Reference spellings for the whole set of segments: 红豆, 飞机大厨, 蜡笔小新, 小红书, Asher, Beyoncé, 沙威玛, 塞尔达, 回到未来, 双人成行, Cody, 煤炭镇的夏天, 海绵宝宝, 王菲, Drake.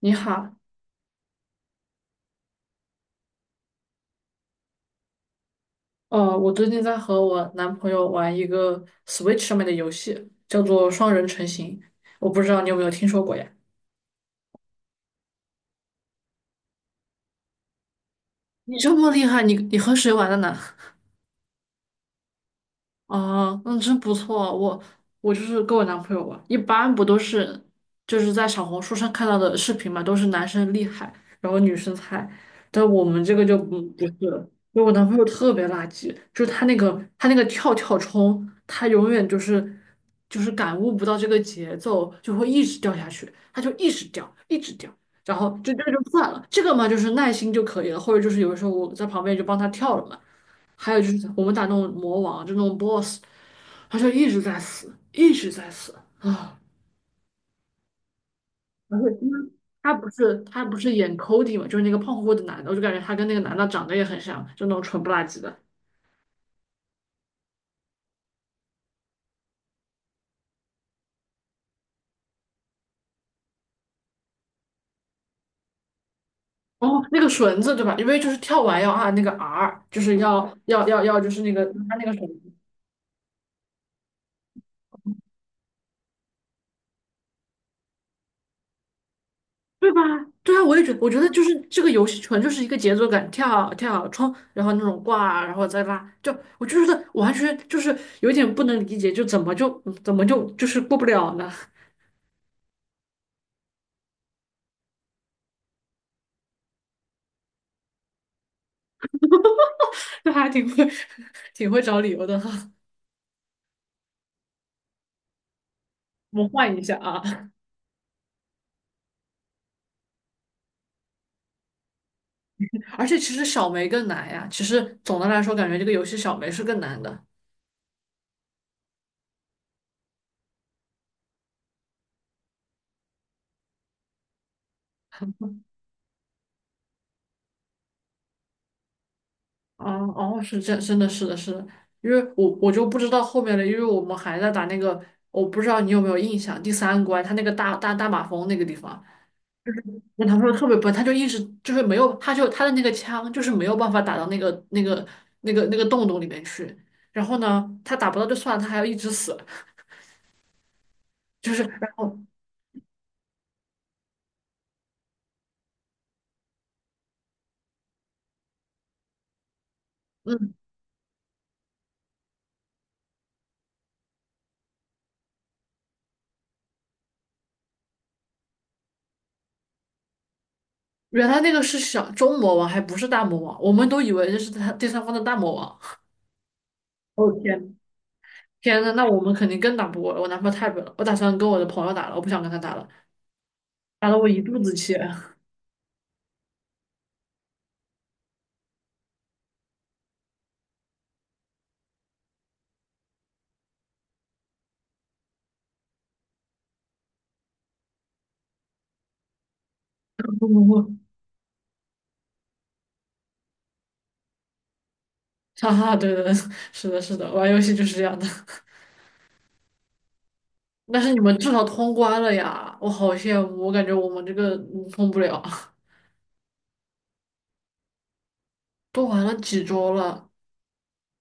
你好，我最近在和我男朋友玩一个 Switch 上面的游戏，叫做双人成行。我不知道你有没有听说过呀？你这么厉害，你和谁玩的呢？啊，那真不错。我就是跟我男朋友玩，一般不都是就是在小红书上看到的视频嘛，都是男生厉害，然后女生菜。但我们这个就不是了，因为我男朋友特别垃圾，就是他那个跳跳冲，他永远就是就是感悟不到这个节奏，就会一直掉下去，他就一直掉，一直掉。然后这就算了，这个嘛就是耐心就可以了，或者就是有的时候我在旁边就帮他跳了嘛。还有就是我们打那种魔王，就那种 BOSS,他就一直在死，一直在死啊！而且因为他不是演 Cody 嘛，就是那个胖乎乎的男的，我就感觉他跟那个男的长得也很像，就那种蠢不拉几的。哦，那个绳子对吧？因为就是跳完要按那个 R,就是要，就是那个他那个绳子。对吧？对啊，我也觉得，我觉得就是这个游戏纯就是一个节奏感，跳跳冲，然后那种挂，然后再拉，就我就觉得完全就是有点不能理解，就怎么就怎么就就是过不了呢？就还挺会 挺会找理由的哈。我们换一下啊，而且其实小梅更难呀。其实总的来说，感觉这个游戏小梅是更难的。哦哦，是这真的是的是的，因为我就不知道后面了，因为我们还在打那个，我不知道你有没有印象，第三关它那个大马蜂那个地方。男朋友特别笨，他就一直就是没有，他就他的那个枪就是没有办法打到那个洞洞里面去。然后呢，他打不到就算了，他还要一直死，就是然后嗯，原来那个是小中魔王，还不是大魔王，我们都以为这是他第三方的大魔王。哦天，天呐，那我们肯定更打不过了，我男朋友太笨了，我打算跟我的朋友打了，我不想跟他打了，打得我一肚子气。哈哈，对对对，是的，是的，玩游戏就是这样的。但是你们至少通关了呀，我好羡慕，我感觉我们这个通不了，都玩了几周了。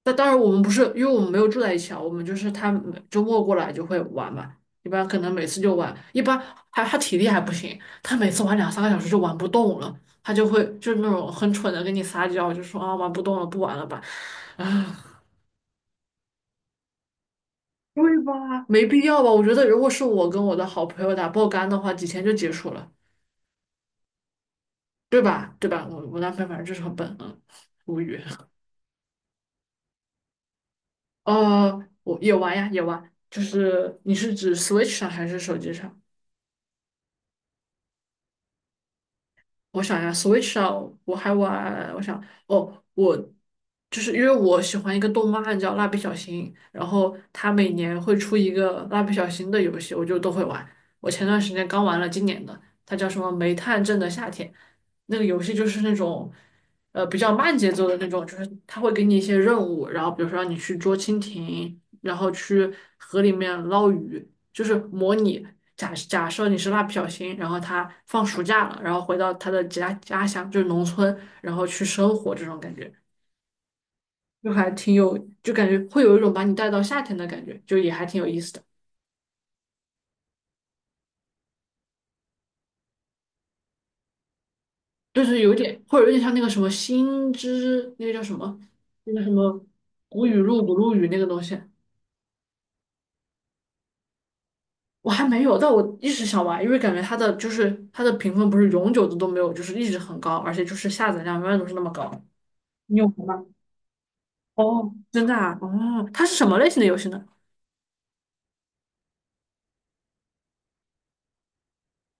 但当然我们不是，因为我们没有住在一起啊，我们就是他每周末过来就会玩嘛，一般可能每次就玩，一般还他体力还不行，他每次玩两三个小时就玩不动了，他就会就是那种很蠢的跟你撒娇，就说啊玩不动了，不玩了吧，啊。对吧？没必要吧？我觉得如果是我跟我的好朋友打爆肝的话，几天就结束了。对吧？对吧？我男朋友反正就是很笨，嗯，无语。我也玩呀，也玩，就是你是指 Switch 上还是手机上？我想一下，Switch 上我还玩，我想哦，我就是因为我喜欢一个动漫叫《蜡笔小新》，然后它每年会出一个蜡笔小新的游戏，我就都会玩。我前段时间刚玩了今年的，它叫什么《煤炭镇的夏天》，那个游戏就是那种比较慢节奏的那种，就是它会给你一些任务，然后比如说让你去捉蜻蜓，然后去河里面捞鱼。就是模拟假设你是蜡笔小新，然后他放暑假了，然后回到他的家乡，就是农村，然后去生活这种感觉，就还挺有，就感觉会有一种把你带到夏天的感觉，就也还挺有意思的，就是有点或者有点像那个什么星之那个叫什么，那个什么古雨露古露雨那个东西。我还没有，但我一直想玩，因为感觉它的就是它的评分不是永久的都没有，就是一直很高，而且就是下载量永远都是那么高。你有玩吗？哦，真的啊，哦，它是什么类型的游戏呢？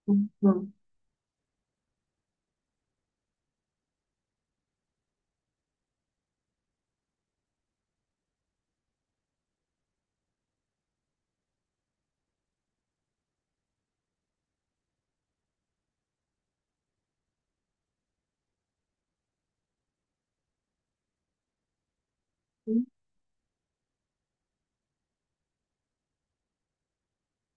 嗯嗯嗯，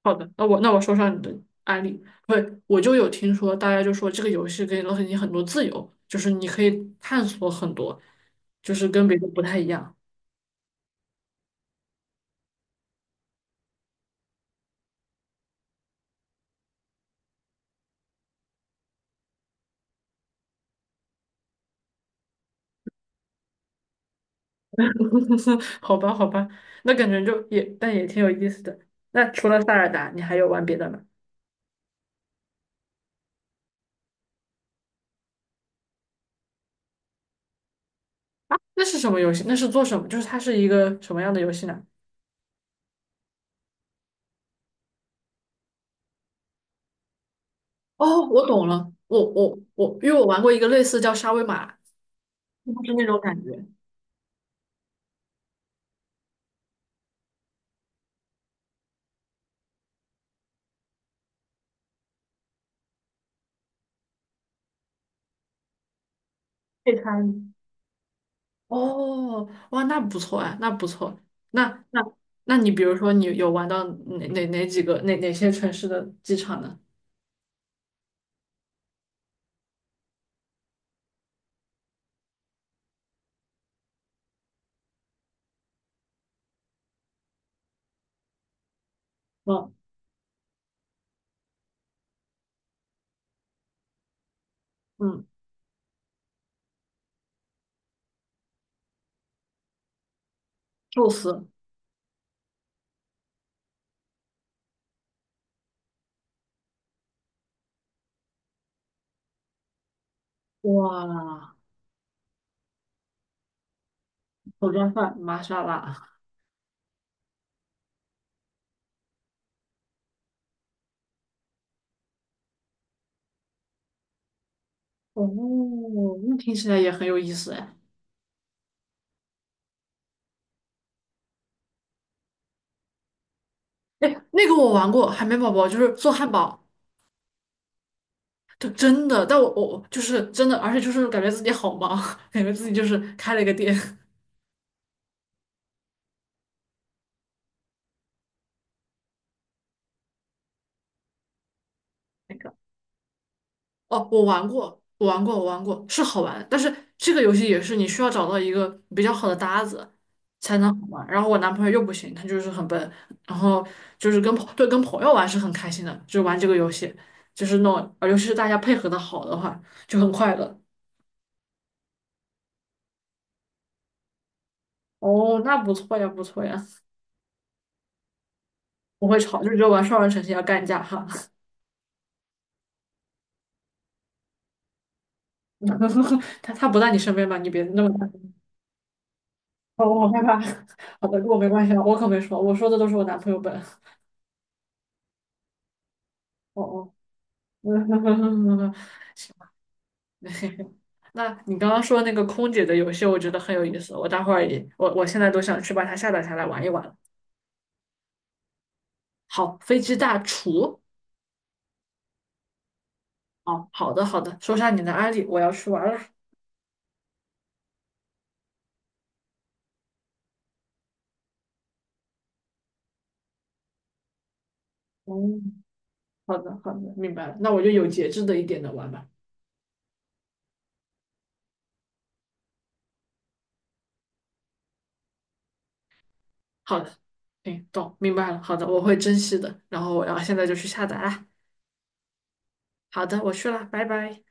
好的，那我说上你的案例，对，我就有听说，大家就说这个游戏给了你很多自由，就是你可以探索很多，就是跟别的不太一样。好吧，好吧，那感觉就也但也挺有意思的。那除了塞尔达，你还有玩别的吗？那是什么游戏？那是做什么？就是它是一个什么样的游戏呢？哦，我懂了，我，因为我玩过一个类似叫沙威玛，就是那种感觉。配餐。哦，哇，那不错哎，那不错。那那你比如说，你有玩到哪几个哪些城市的机场呢？哦，嗯，寿司，哇，手抓饭，玛莎拉，哦，那听起来也很有意思哎。哎，那个我玩过，海绵宝宝就是做汉堡，就真的，但我就是真的，而且就是感觉自己好忙，感觉自己就是开了一个店。那个。哦，我玩过，是好玩，但是这个游戏也是你需要找到一个比较好的搭子才能好玩。然后我男朋友又不行，他就是很笨，然后就是跟朋友玩是很开心的，就是玩这个游戏，就是那种，尤其是大家配合的好的话，就很快乐。哦，那不错呀，不错呀。不会吵，就只有玩双人成行要干架哈。他不在你身边吧？你别那么大声哦，我好害怕。好的，跟我没关系了，我可没说，我说的都是我男朋友笨。哦哦。嗯 行 那你刚刚说那个空姐的游戏，我觉得很有意思。我待会儿也，我现在都想去把它下载下来玩一玩。好，飞机大厨。哦，好的好的，说下你的案例，我要去玩了。嗯，好的好的，明白了。那我就有节制的一点的玩吧。好的，行，懂，明白了。好的，我会珍惜的。然后我要现在就去下载啦。好的，我去了，拜拜。